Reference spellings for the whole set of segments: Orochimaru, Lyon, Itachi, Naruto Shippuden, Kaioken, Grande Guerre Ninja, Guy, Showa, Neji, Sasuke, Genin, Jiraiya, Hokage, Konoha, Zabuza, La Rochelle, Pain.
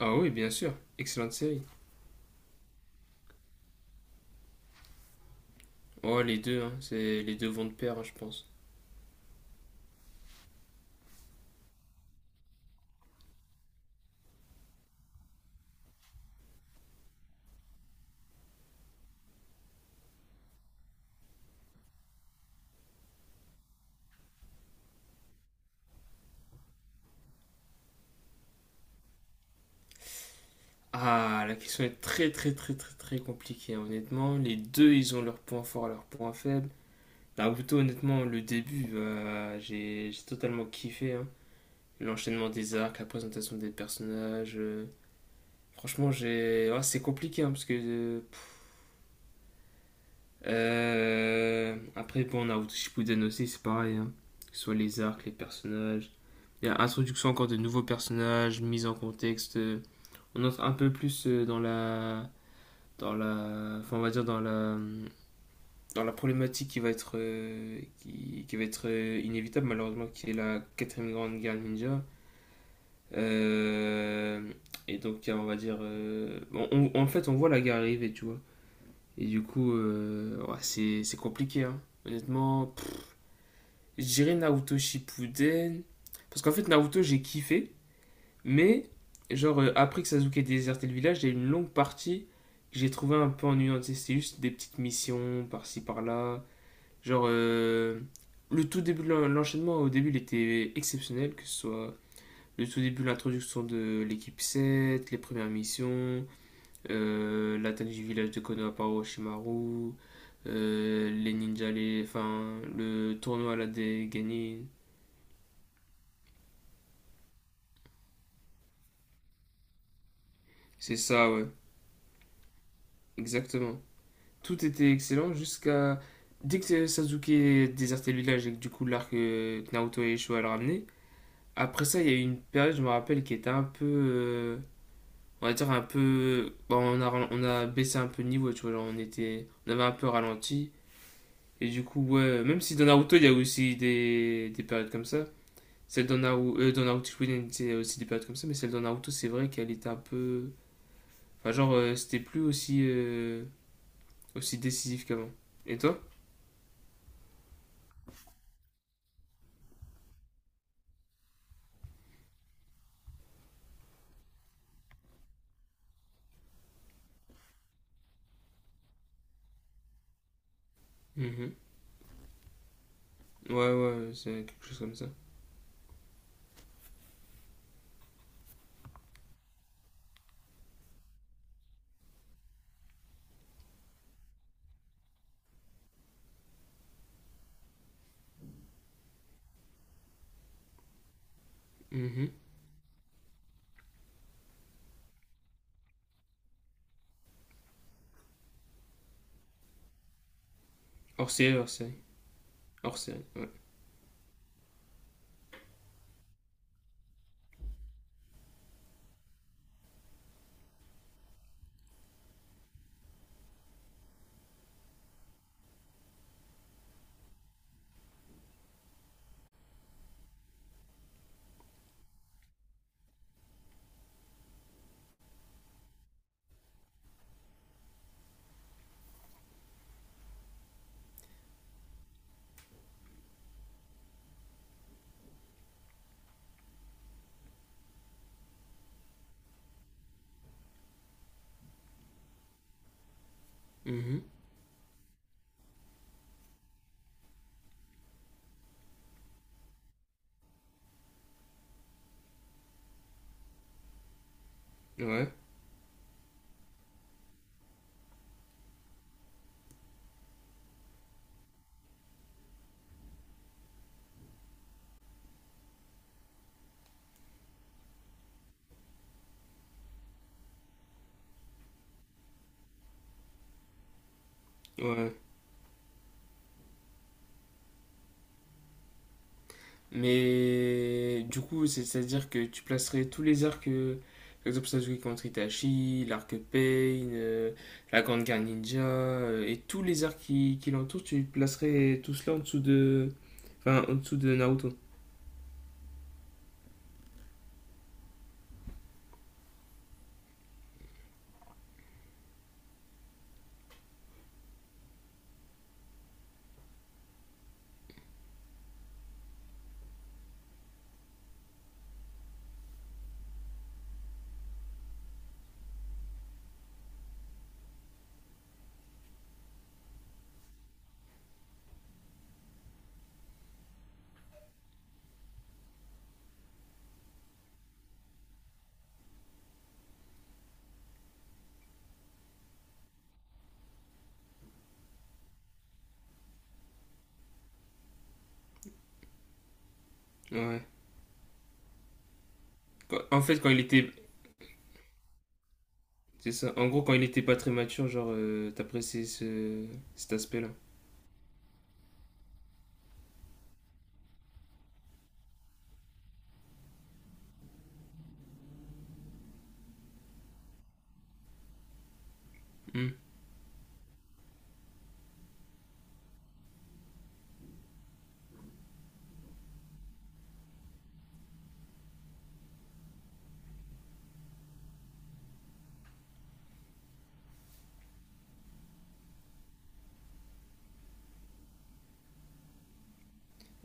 Ah oui, bien sûr. Excellente série. Oh, les deux, hein. Les deux vont de pair, hein, je pense. Ah, la question est très, très, très, très, très compliquée, hein, honnêtement. Les deux, ils ont leurs points forts et leurs points faibles. Naruto, honnêtement, le début, bah, j'ai totalement kiffé, hein. L'enchaînement des arcs, la présentation des personnages. Franchement, j'ai. Ouais, c'est compliqué, hein, parce que. Pff. Après, bon, Naruto Shippuden aussi, c'est pareil, hein. Que ce soit les arcs, les personnages. Il y a introduction encore de nouveaux personnages, mise en contexte. On entre un peu plus enfin on va dire dans la problématique qui va être, qui va être inévitable malheureusement, qui est la quatrième grande guerre ninja. Euh, et donc on va dire, bon, en fait on voit la guerre arriver, tu vois. Et du coup, ouais, c'est compliqué, hein. Honnêtement, je dirais Naruto Shippuden. Parce qu'en fait, Naruto, j'ai kiffé. Mais, genre, après que Sasuke ait déserté le village, il y a une longue partie que j'ai trouvé un peu ennuyante. C'était juste des petites missions par-ci par-là. Genre, le tout début de l'enchaînement, au début, il était exceptionnel, que ce soit le tout début, l'introduction de l'équipe sept, les premières missions, l'atteinte du village de Konoha par Orochimaru, les ninjas, enfin, le tournoi à la des Genin. C'est ça, ouais, exactement. Tout était excellent jusqu'à. Dès que Sasuke désertait le village et que du coup l'arc Naruto et Showa le ramenaient, après ça il y a eu une période, je me rappelle, qui était un peu. On va dire un peu. Bon, on a baissé un peu le niveau, tu vois, genre, on avait un peu ralenti. Et du coup, ouais, même si dans Naruto il y a aussi des périodes comme ça, celle dans Naruto Shippuden, c'est aussi des périodes comme ça, mais celle dans Naruto c'est vrai qu'elle était un peu. Enfin, genre, c'était plus aussi, aussi décisif qu'avant. Et toi? Mhm. Ouais, ouais, c'est quelque chose comme ça. Mhm. Hors série, hors série. Hors série, ouais. Mhm. Ouais, ouais. Mais du coup, c'est-à-dire que tu placerais tous les arcs, par exemple Sasuke contre Itachi, l'arc Pain, la Grande Guerre Ninja, et tous les arcs qui l'entourent, tu placerais tout cela en dessous de, enfin, en dessous de Naruto. Ouais. En fait, c'est ça. En gros, quand il était pas très mature, genre, t'appréciais cet aspect-là.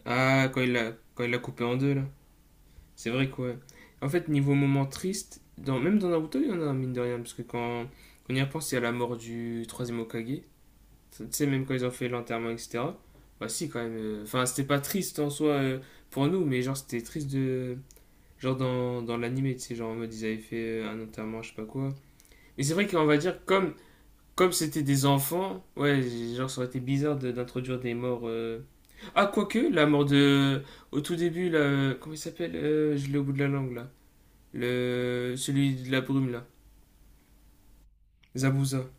Ah, quand il l'a coupé en deux, là. C'est vrai quoi. En fait, niveau moment triste, même dans Naruto, il y en a, mine de rien, parce que quand on y repense, il y a la mort du troisième Hokage. Tu sais, même quand ils ont fait l'enterrement, etc. Bah si, quand même. Enfin, c'était pas triste en soi pour nous, mais genre, c'était triste de. Genre dans l'animé, tu sais, genre en mode, ils avaient fait un enterrement, je sais pas quoi. Mais c'est vrai qu'on va dire, comme c'était des enfants, ouais, genre, ça aurait été bizarre d'introduire des morts. Ah, quoique, la mort de. Au tout début, là. Comment il s'appelle? Je l'ai au bout de la langue, là. Celui de la brume, là. Zabuza.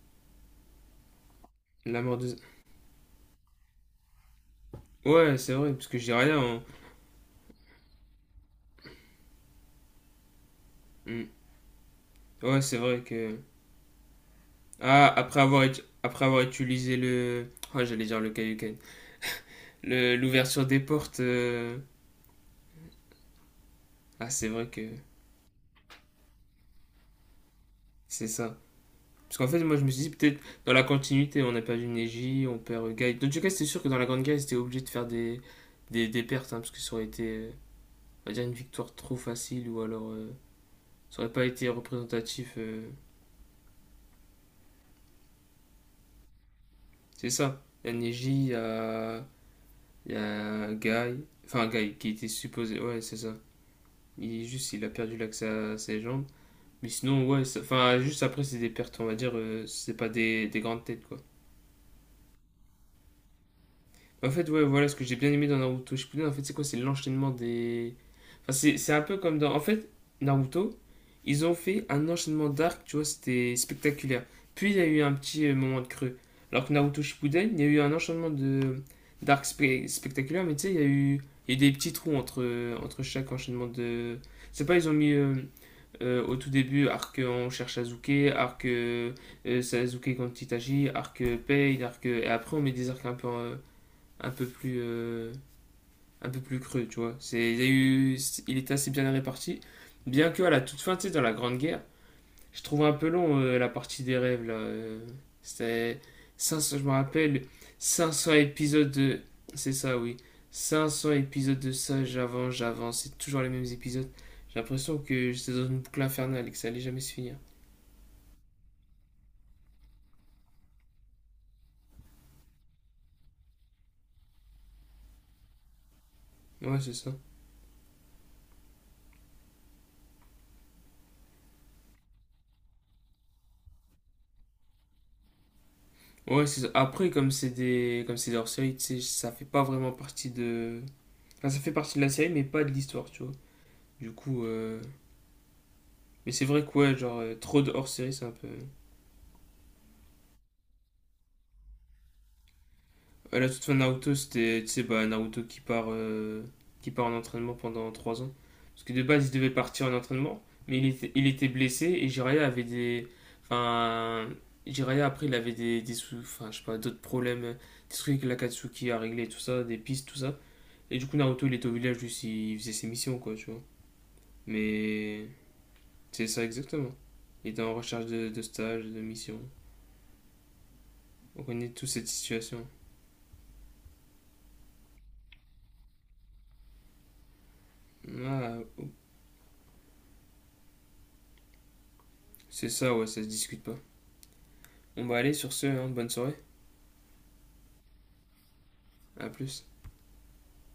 La mort de. Ouais, c'est vrai, parce que j'ai rien, hein. Hmm. Ouais, c'est vrai que. Ah, après avoir utilisé le. Oh, j'allais dire le Kaioken. L'ouverture des portes. Ah, c'est vrai que. C'est ça. Parce qu'en fait, moi, je me suis dit, peut-être dans la continuité, on a perdu Neji, on perd Guy. Dans tout cas, c'était sûr que dans la Grande Guerre, ils étaient obligés de faire des pertes, hein, parce que ça aurait été. On va dire une victoire trop facile ou alors ça aurait pas été représentatif. C'est ça. Il y a Neji, il y a Guy, enfin Guy qui était supposé, ouais c'est ça. Il juste il a perdu l'accès à ses jambes. Mais sinon ouais, enfin juste après c'est des pertes on va dire, c'est pas des grandes têtes quoi. En fait, ouais, voilà ce que j'ai bien aimé dans Naruto Shippuden. En fait, c'est quoi? C'est l'enchaînement des. Enfin, c'est un peu comme dans. En fait, Naruto, ils ont fait un enchaînement d'arcs, tu vois, c'était spectaculaire. Puis il y a eu un petit moment de creux. Alors que Naruto Shippuden, il y a eu un enchaînement de spectaculaires, mais tu sais, il y a eu des petits trous entre entre chaque enchaînement de. C'est pas, Ils ont mis au tout début arc on cherche Sasuke, arc Sasuke contre Itachi, arc Pain, arc et après on met des arcs un peu. Un peu plus, un peu plus creux, tu vois. Il, y a eu, il était assez bien réparti. Bien que à la toute fin, tu sais, dans la Grande Guerre, je trouve un peu long la partie des rêves, là. C'était 500, je me rappelle, 500 épisodes de... C'est ça, oui. 500 épisodes de ça, j'avance, j'avance. C'est toujours les mêmes épisodes. J'ai l'impression que j'étais dans une boucle infernale et que ça allait jamais se finir. Ouais, c'est ça. Ouais, c'est ça. Après, comme c'est des hors-série, tu sais, ça fait pas vraiment partie de, enfin, ça fait partie de la série, mais pas de l'histoire, tu vois. Du coup, mais c'est vrai que ouais, genre, trop de hors-série, c'est un peu. À la toute fin de Naruto, c'était, tu sais, bah, Naruto qui part en entraînement pendant 3 ans. Parce que de base, il devait partir en entraînement, mais il était blessé et Jiraiya avait des. Enfin. Jiraiya, après, il avait des sous, enfin, je sais pas, d'autres problèmes, des trucs que l'Akatsuki a réglé, tout ça, des pistes, tout ça. Et du coup, Naruto, il était au village, juste, il faisait ses missions, quoi, tu vois. Mais c'est ça exactement. Il était en recherche de stage, de mission. On connaît toute cette situation. Ah, c'est ça, ouais, ça se discute pas. On va aller sur ce, hein, bonne soirée. À plus.